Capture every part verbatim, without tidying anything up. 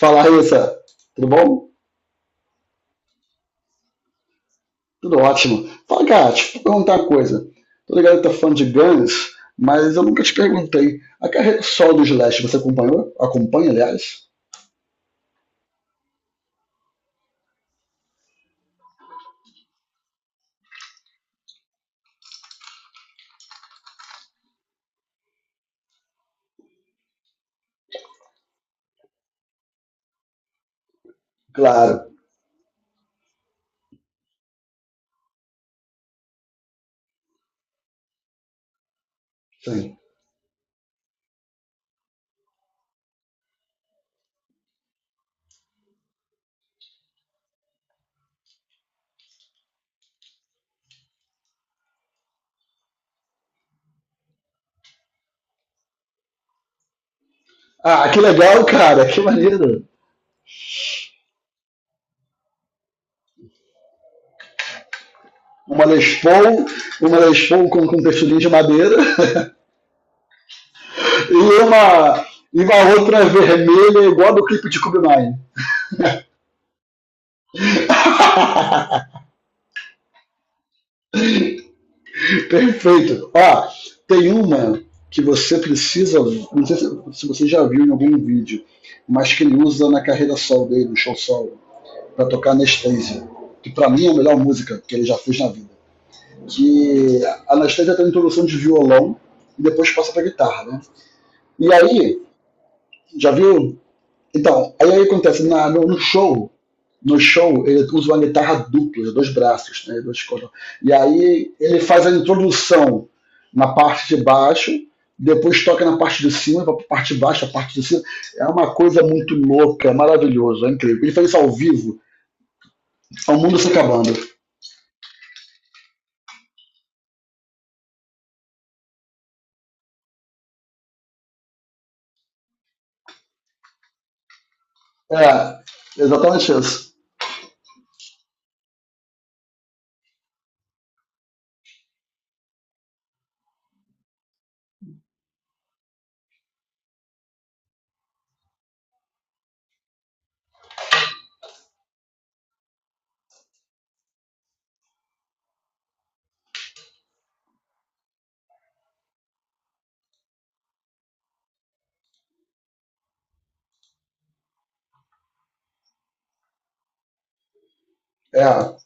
Fala, Raíssa. Tudo bom? Tudo ótimo. Fala, cara, deixa eu te perguntar uma coisa. Tô ligado que tá fã de Guns, mas eu nunca te perguntei. A carreira solo do Slash, você acompanhou? Acompanha, aliás? Claro, sim. Ah, que legal, cara. Que maneiro. Uma Les Paul, uma Les Paul com, com texturinho de madeira e uma, e uma outra vermelha igual a do clipe de Cube Nine. Perfeito. Ó, tem uma que você precisa, não sei se, se você já viu em algum vídeo, mas que ele usa na carreira solo dele, no show solo, pra tocar Anastasia, que pra mim é a melhor música que ele já fez na vida. Que a Anastasia tem uma introdução de violão e depois passa pra guitarra, né? E aí, já viu? Então, aí, aí acontece, na, no, no show, no show ele usa uma guitarra dupla, de dois braços, né, dois cordas. E aí ele faz a introdução na parte de baixo, depois toca na parte de cima, a parte de baixo, a parte de cima. É uma coisa muito louca, é maravilhoso, é incrível. Ele faz isso ao vivo, é o mundo se acabando. É, exatamente isso. É,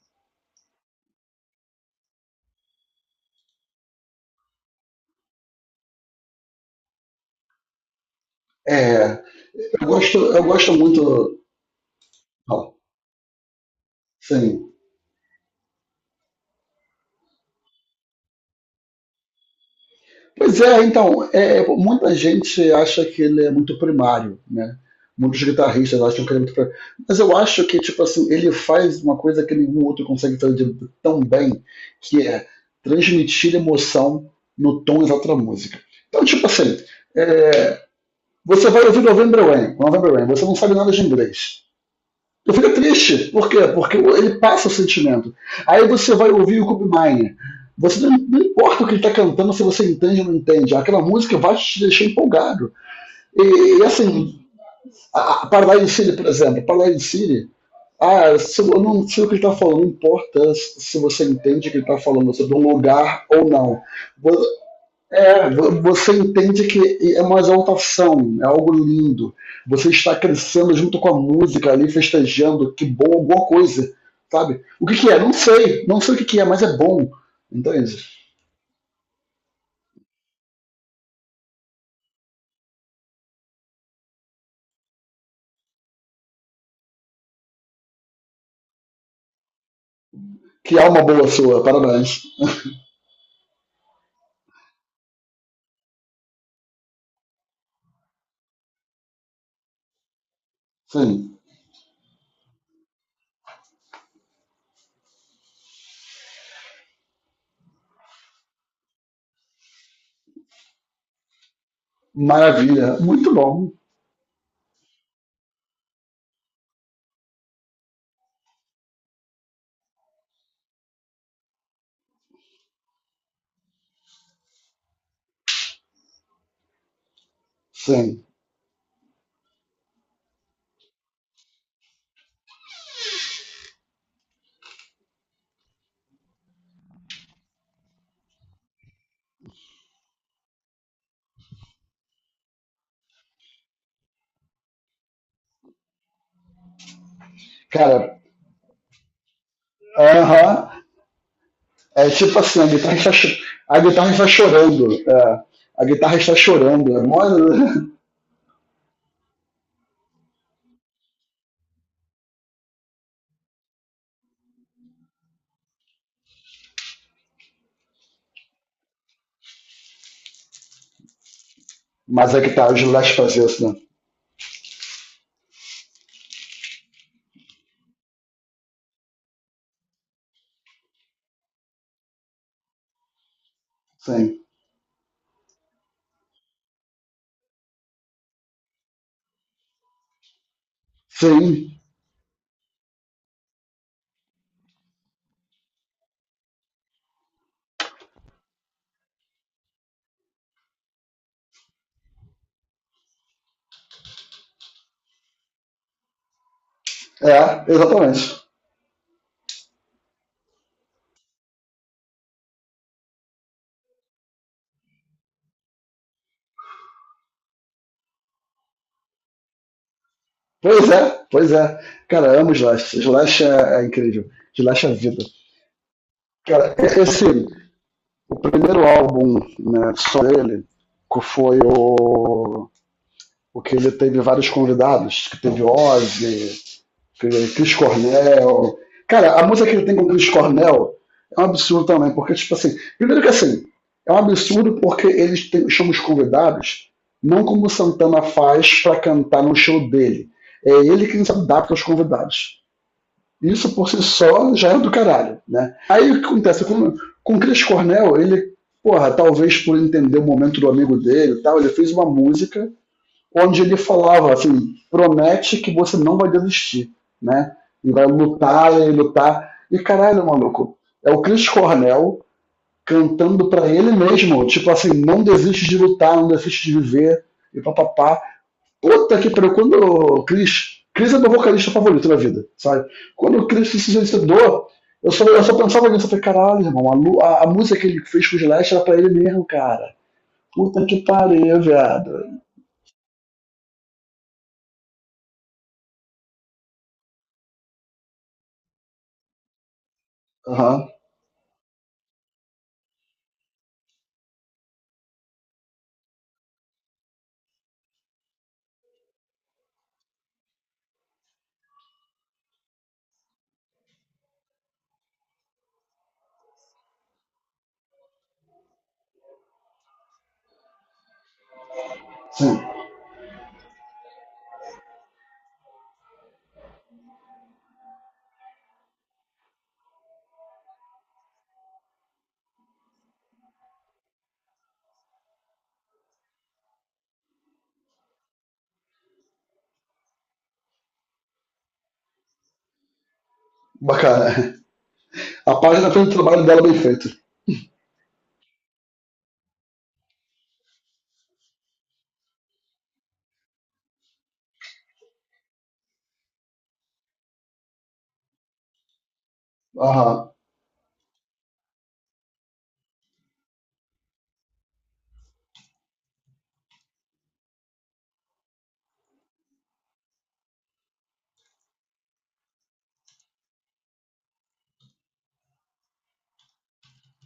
é. Eu gosto, eu gosto muito. Ó, sim. Pois é, então, é, muita gente acha que ele é muito primário, né? Muitos guitarristas acham que ele é muito primário. Mas eu acho que, tipo assim, ele faz uma coisa que nenhum outro consegue fazer de- tão bem, que é transmitir emoção no tom exato da música. Então, tipo assim, é, você vai ouvir November Rain, November Rain, você não sabe nada de inglês. Tu fica triste. Por quê? Porque ele passa o sentimento. Aí você vai ouvir o Kobe Mine. Você não, não, importa o que ele está cantando, se você entende ou não entende. Aquela música vai te deixar empolgado. E, e assim, a, a Paradise City, por exemplo, Paradise City, ah, se, eu não sei o que ele está falando, não importa se você entende o que ele está falando, se é de um lugar ou não. É, você entende que é uma exaltação, é algo lindo. Você está crescendo junto com a música ali, festejando, que bom, alguma coisa, sabe? O que, que é? Não sei, não sei o que, que é, mas é bom, entende? Que alma boa sua, parabéns. Sim, maravilha, muito bom. Sim, cara, aham, é tipo assim, a guitarra está, cho- a guitarra está chorando, é, a guitarra está chorando, é mó... mas a guitarra de Last faz isso, né? Sim, sim. É, exatamente. Pois é, pois é. Cara, amo Slash. Slash é, é incrível. Slash é vida. Cara, esse, o primeiro álbum né, só dele que foi o, o que ele teve vários convidados, que teve Ozzy, Chris Cornell. Cara, a música que ele tem com o Chris Cornell é um absurdo também, porque, tipo assim, primeiro que assim, é um absurdo porque eles têm, chamam os convidados não como o Santana faz para cantar no show dele. É ele quem se adapta aos convidados. Isso por si só já é do caralho, né? Aí o que acontece? Com, com o Chris Cornell, ele, porra, talvez por entender o momento do amigo dele e tal, ele fez uma música onde ele falava assim, promete que você não vai desistir, né? E vai lutar e lutar. E caralho, maluco, é o Chris Cornell cantando para ele mesmo, tipo assim, não desiste de lutar, não desiste de viver, e papapá. Puta que pariu, quando o Chris. Chris é meu vocalista favorito da vida, sabe? Quando o Chris se suicidou, eu só, eu só pensava nisso, eu falei, caralho, irmão, a, a, a música que ele fez com o Slash era pra ele mesmo, cara. Puta que pariu, viado. Aham, uhum, sim. Bacana. A página fez o trabalho dela bem feito. Aham,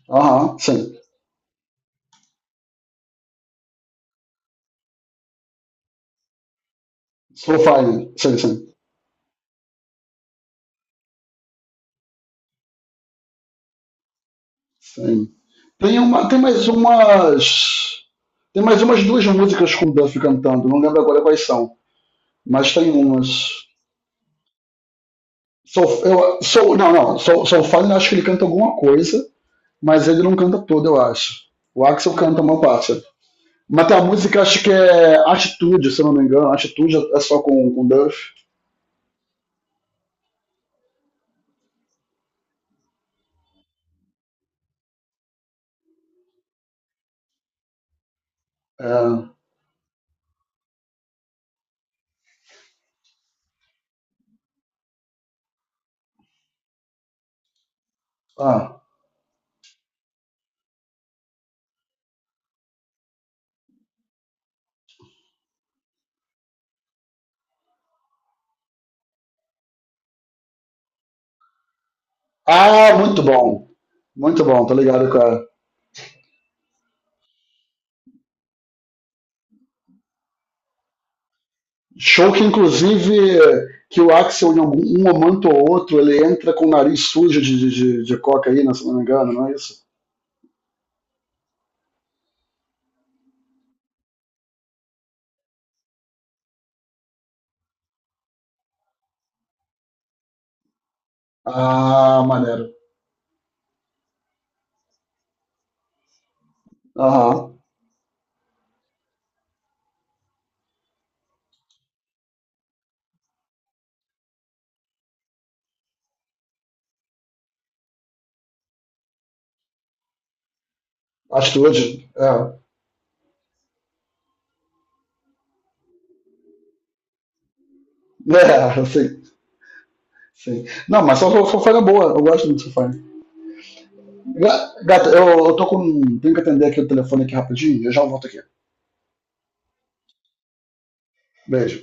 aham, sim. Profile, sim, sim, sim. Tem, uma, tem mais umas. Tem mais umas duas músicas com o Duff cantando, não lembro agora quais são, mas tem umas. Soul, eu, Soul, não, não, Soul, Soulfire eu acho que ele canta alguma coisa, mas ele não canta toda, eu acho. O Axel canta uma parte. Mas tem a música, acho que é Atitude, se eu não me engano, Atitude é só com, com Duff. É, ah, Ah, muito bom. Muito bom, tô ligado, cara. Show que, inclusive, que o Axel, em algum- um momento ou outro, ele entra com o nariz sujo de, de, de, de cocaína, se não me engano, não é isso? Ah, maneiro. Aham. Atitude. É. É, sim, sim. Não, mas só Fofana é boa. Eu gosto muito de Fofana. Ga- Gata, eu, eu tô com. Tenho que atender aqui o telefone aqui rapidinho. Eu já volto aqui. Beijo.